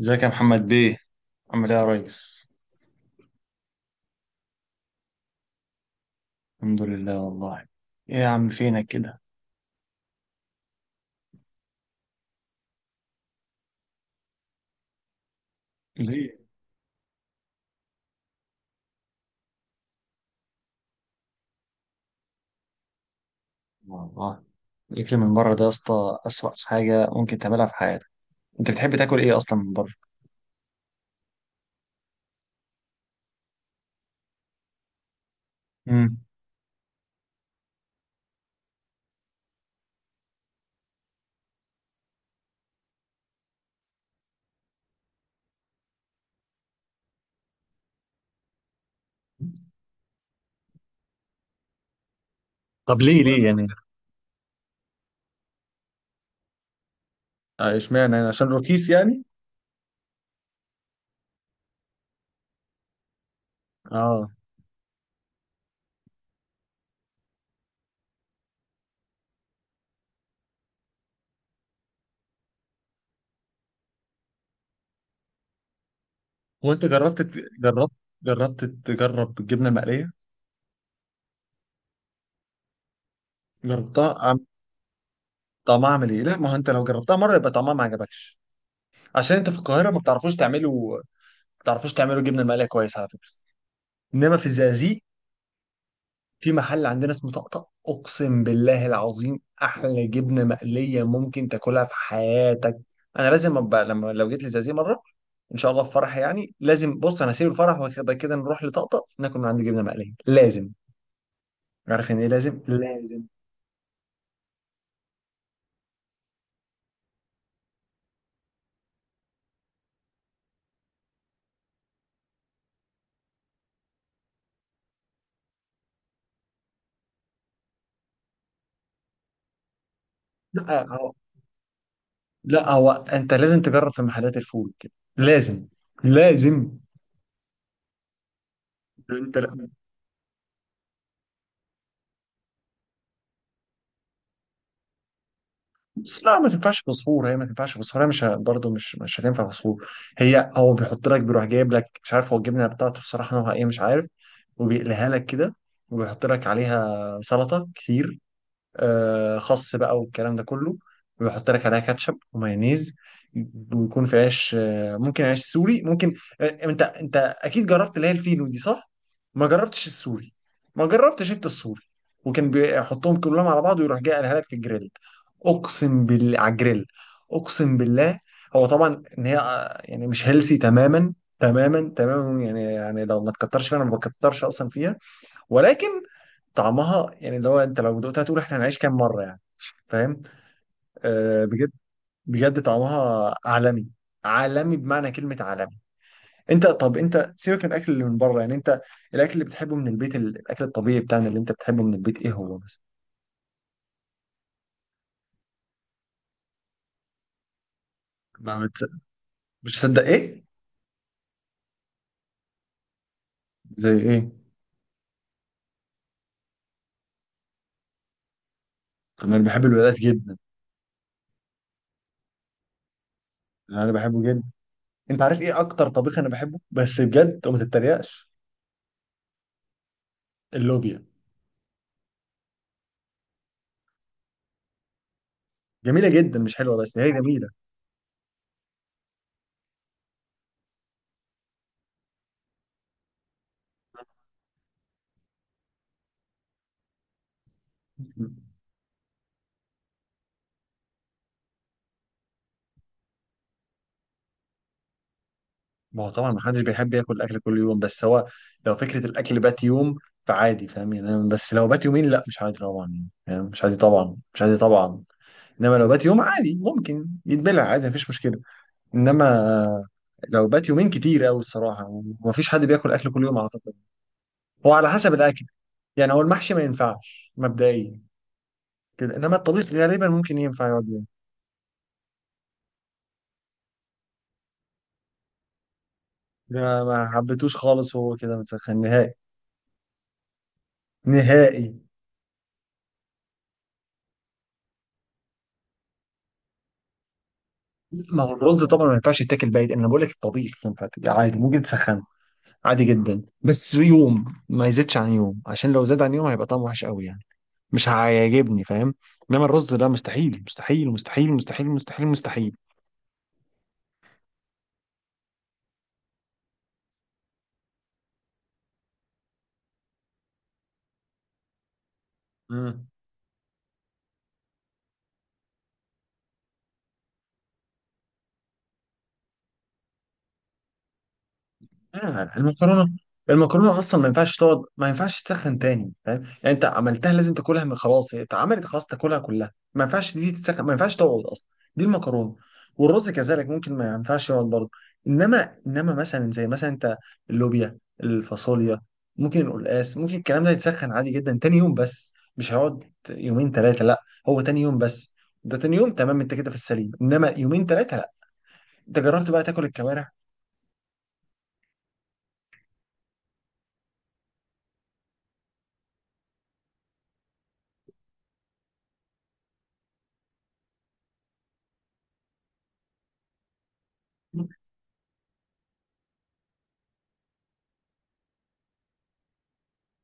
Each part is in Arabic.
ازيك يا محمد بيه، عامل ايه يا ريس؟ الحمد لله والله. ايه يا عم فينك كده؟ ليه؟ والله، الاكل من بره ده يا اسطى اسوأ حاجه ممكن تعملها في حياتك. انت بتحب تاكل ايه اصلا من بره؟ امم طب ليه ليه يعني؟ اشمعنى يعني عشان رخيص يعني؟ اه، هو انت جربت تجرب الجبنه المقليه؟ جربتها. طعمها عامل ايه؟ لا، ما هو انت لو جربتها مره يبقى طعمها ما عجبكش. عشان انت في القاهره ما بتعرفوش تعملوا، جبنه مقليه كويس على فكره. انما في الزقازيق في محل عندنا اسمه طقطق، اقسم بالله العظيم احلى جبنه مقليه ممكن تاكلها في حياتك. انا لازم ابقى، لما لو جيت لزازي مره، ان شاء الله في فرح، يعني لازم. بص انا هسيب الفرح وكده كده نروح لطقطق ناكل من عنده جبنه مقليه لازم. عارف يعني ايه؟ لازم، لازم. لا هو، انت لازم تجرب في محلات الفول كده، لازم، لازم، انت. بس لا، ما تنفعش في صخور، هي ما تنفعش في صخور، هي مش ه- برضه مش هتنفع في صخور. هي هو بيحط لك، بيروح جايب لك، مش عارف هو الجبنه بتاعته بصراحه نوعها ايه، مش عارف. وبيقليها لك كده، وبيحط لك عليها سلطه كتير، خس بقى والكلام ده كله، ويحط لك عليها كاتشب ومايونيز، ويكون في عيش، ممكن عيش سوري ممكن. انت اكيد جربت اللي هي الفينو دي، صح؟ ما جربتش السوري. ما جربتش انت السوري. وكان بيحطهم كلهم على بعض، ويروح جاي قالها لك في الجريل. اقسم بالله على الجريل، اقسم بالله. هو طبعا ان هي يعني مش هيلسي تماما، تماما تماما يعني لو ما تكترش فيها انا ما بكترش اصلا فيها. ولكن طعمها يعني، اللي هو انت لو دقتها تقول احنا هنعيش كام مره يعني، فاهم؟ آه، بجد، بجد طعمها عالمي، عالمي بمعنى كلمه عالمي. طب انت سيبك من الاكل اللي من بره، يعني انت الاكل اللي بتحبه من البيت، الاكل الطبيعي بتاعنا اللي انت بتحبه من البيت، ايه هو مثلا؟ ما بتص- مش تصدق ايه؟ زي ايه؟ طب انا بحب الولاد جدا، يعني انا بحبه جدا. انت عارف ايه اكتر طبيخ انا بحبه بس بجد، وما تتريقش؟ اللوبيا. جميله جدا، مش حلوه، بس هي جميله. ما هو طبعا ما حدش بيحب ياكل اكل كل يوم، بس هو لو فكره الاكل بات يوم فعادي، فاهم يعني؟ بس لو بات يومين لا، مش عادي طبعا يعني، فاهم؟ مش عادي طبعا، مش عادي طبعا. انما لو بات يوم عادي، ممكن يتبلع عادي، مفيش مشكله. انما لو بات يومين كتير قوي الصراحه، ومفيش حد بياكل اكل كل يوم اعتقد. هو على حسب الاكل، يعني هو المحشي ما ينفعش مبدئيا كده، انما الطبيخ غالبا ممكن ينفع يقعد يوم. ده ما حبيتوش خالص، وهو كده مسخن نهائي، نهائي. ما هو الرز طبعا ما ينفعش يتاكل بايت، انا بقول لك الطبيخ ينفع تاكل عادي، ممكن تسخن عادي جدا بس يوم، ما يزيدش عن يوم، عشان لو زاد عن يوم هيبقى طعمه وحش قوي يعني، مش هيعجبني، فاهم؟ انما الرز ده مستحيل مستحيل مستحيل مستحيل مستحيل مستحيل مستحيل. المكرونه. المكرونه اصلا ما ينفعش تقعد، ما ينفعش تسخن تاني، فاهم يعني؟ انت عملتها لازم تاكلها من، خلاص هي اتعملت خلاص تاكلها كلها، ما ينفعش دي تتسخن، ما ينفعش تقعد اصلا، دي المكرونه. والرز كذلك ممكن ما ينفعش يقعد برضه. انما مثلا زي مثلا انت، اللوبيا، الفاصوليا، ممكن القلقاس، ممكن الكلام ده يتسخن عادي جدا تاني يوم، بس مش هيقعد يومين ثلاثه، لا، هو تاني يوم بس. ده تاني يوم تمام، انت كده في السليم، انما يومين ثلاثه لا. انت جربت بقى تاكل الكوارع؟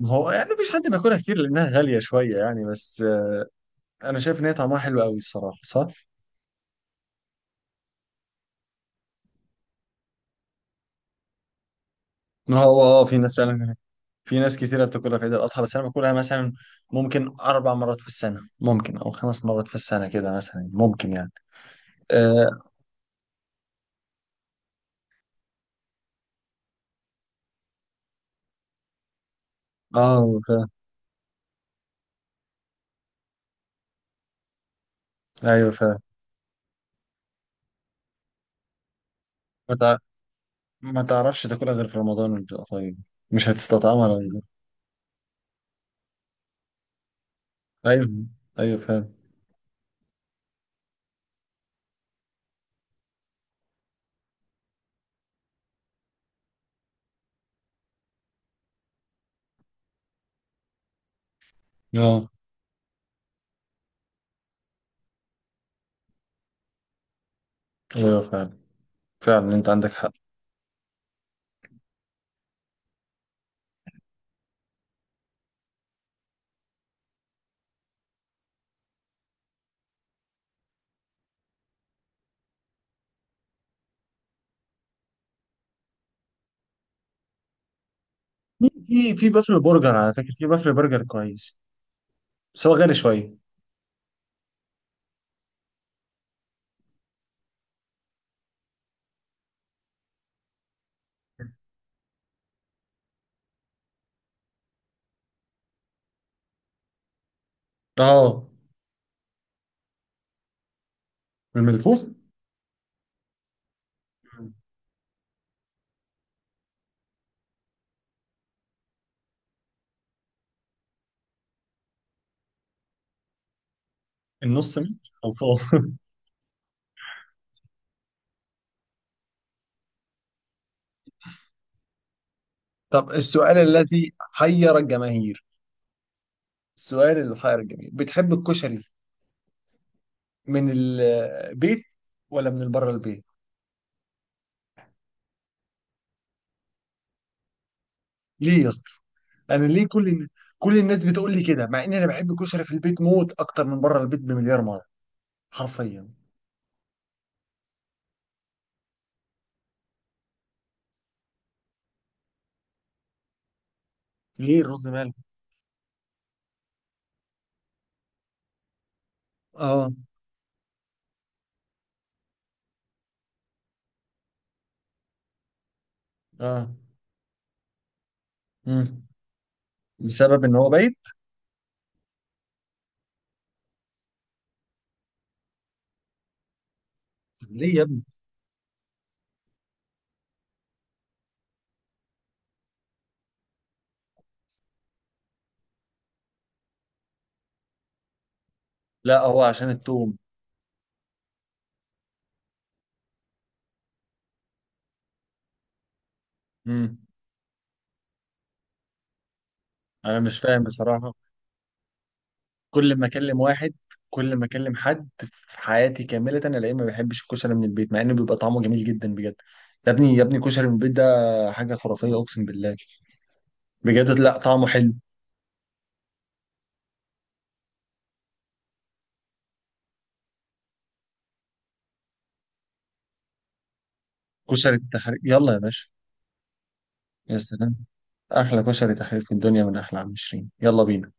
ما هو يعني مفيش حد بياكلها كتير لانها غاليه شويه، يعني بس. انا شايف ان هي طعمها حلو قوي الصراحه، صح؟ ما هو، في ناس فعلا، في ناس كتيره بتاكلها في عيد الاضحى، بس انا باكلها مثلا ممكن اربع مرات في السنه، ممكن او خمس مرات في السنه كده مثلا، ممكن يعني. اه، آه، فاهم. ايوه فاهم. ما تع- ما تعرفش تاكلها غير في رمضان وبتبقى طيب، مش هتستطعمها لو غير. ايوه، ايوه فاهم. اه، ايوه فاهم، فعلا انت عندك حق. في في بافلو برجر على فكره، في بافلو برجر كويس بس هو غالي شويه. اه. الملفوف. النص متر خلصان طب السؤال الذي حير الجماهير، السؤال اللي حير الجماهير، بتحب الكشري من البيت ولا من بره البيت؟ ليه يا اسطى؟ انا ليه؟ كل الناس بتقول لي كده، مع ان انا بحب الكشري في البيت موت، اكتر من بره البيت بمليار مره حرفيا. ليه الرز مالح؟ اه. اه. مم. بسبب ان هو بايت؟ طب ليه يا ابني؟ لا هو عشان التوم. امم انا مش فاهم بصراحة. كل ما اكلم واحد، كل ما اكلم حد في حياتي كامله الاقيه ما بيحبش الكشري من البيت، مع انه بيبقى طعمه جميل جدا بجد. يا ابني يا ابني، كشري من البيت ده حاجه خرافيه اقسم بالله. بجد، لا طعمه حلو. كشري التحرير، يلا يا باشا. يا سلام، احلى كشري تحرير في الدنيا من احلى عم شيرين، يلا بينا.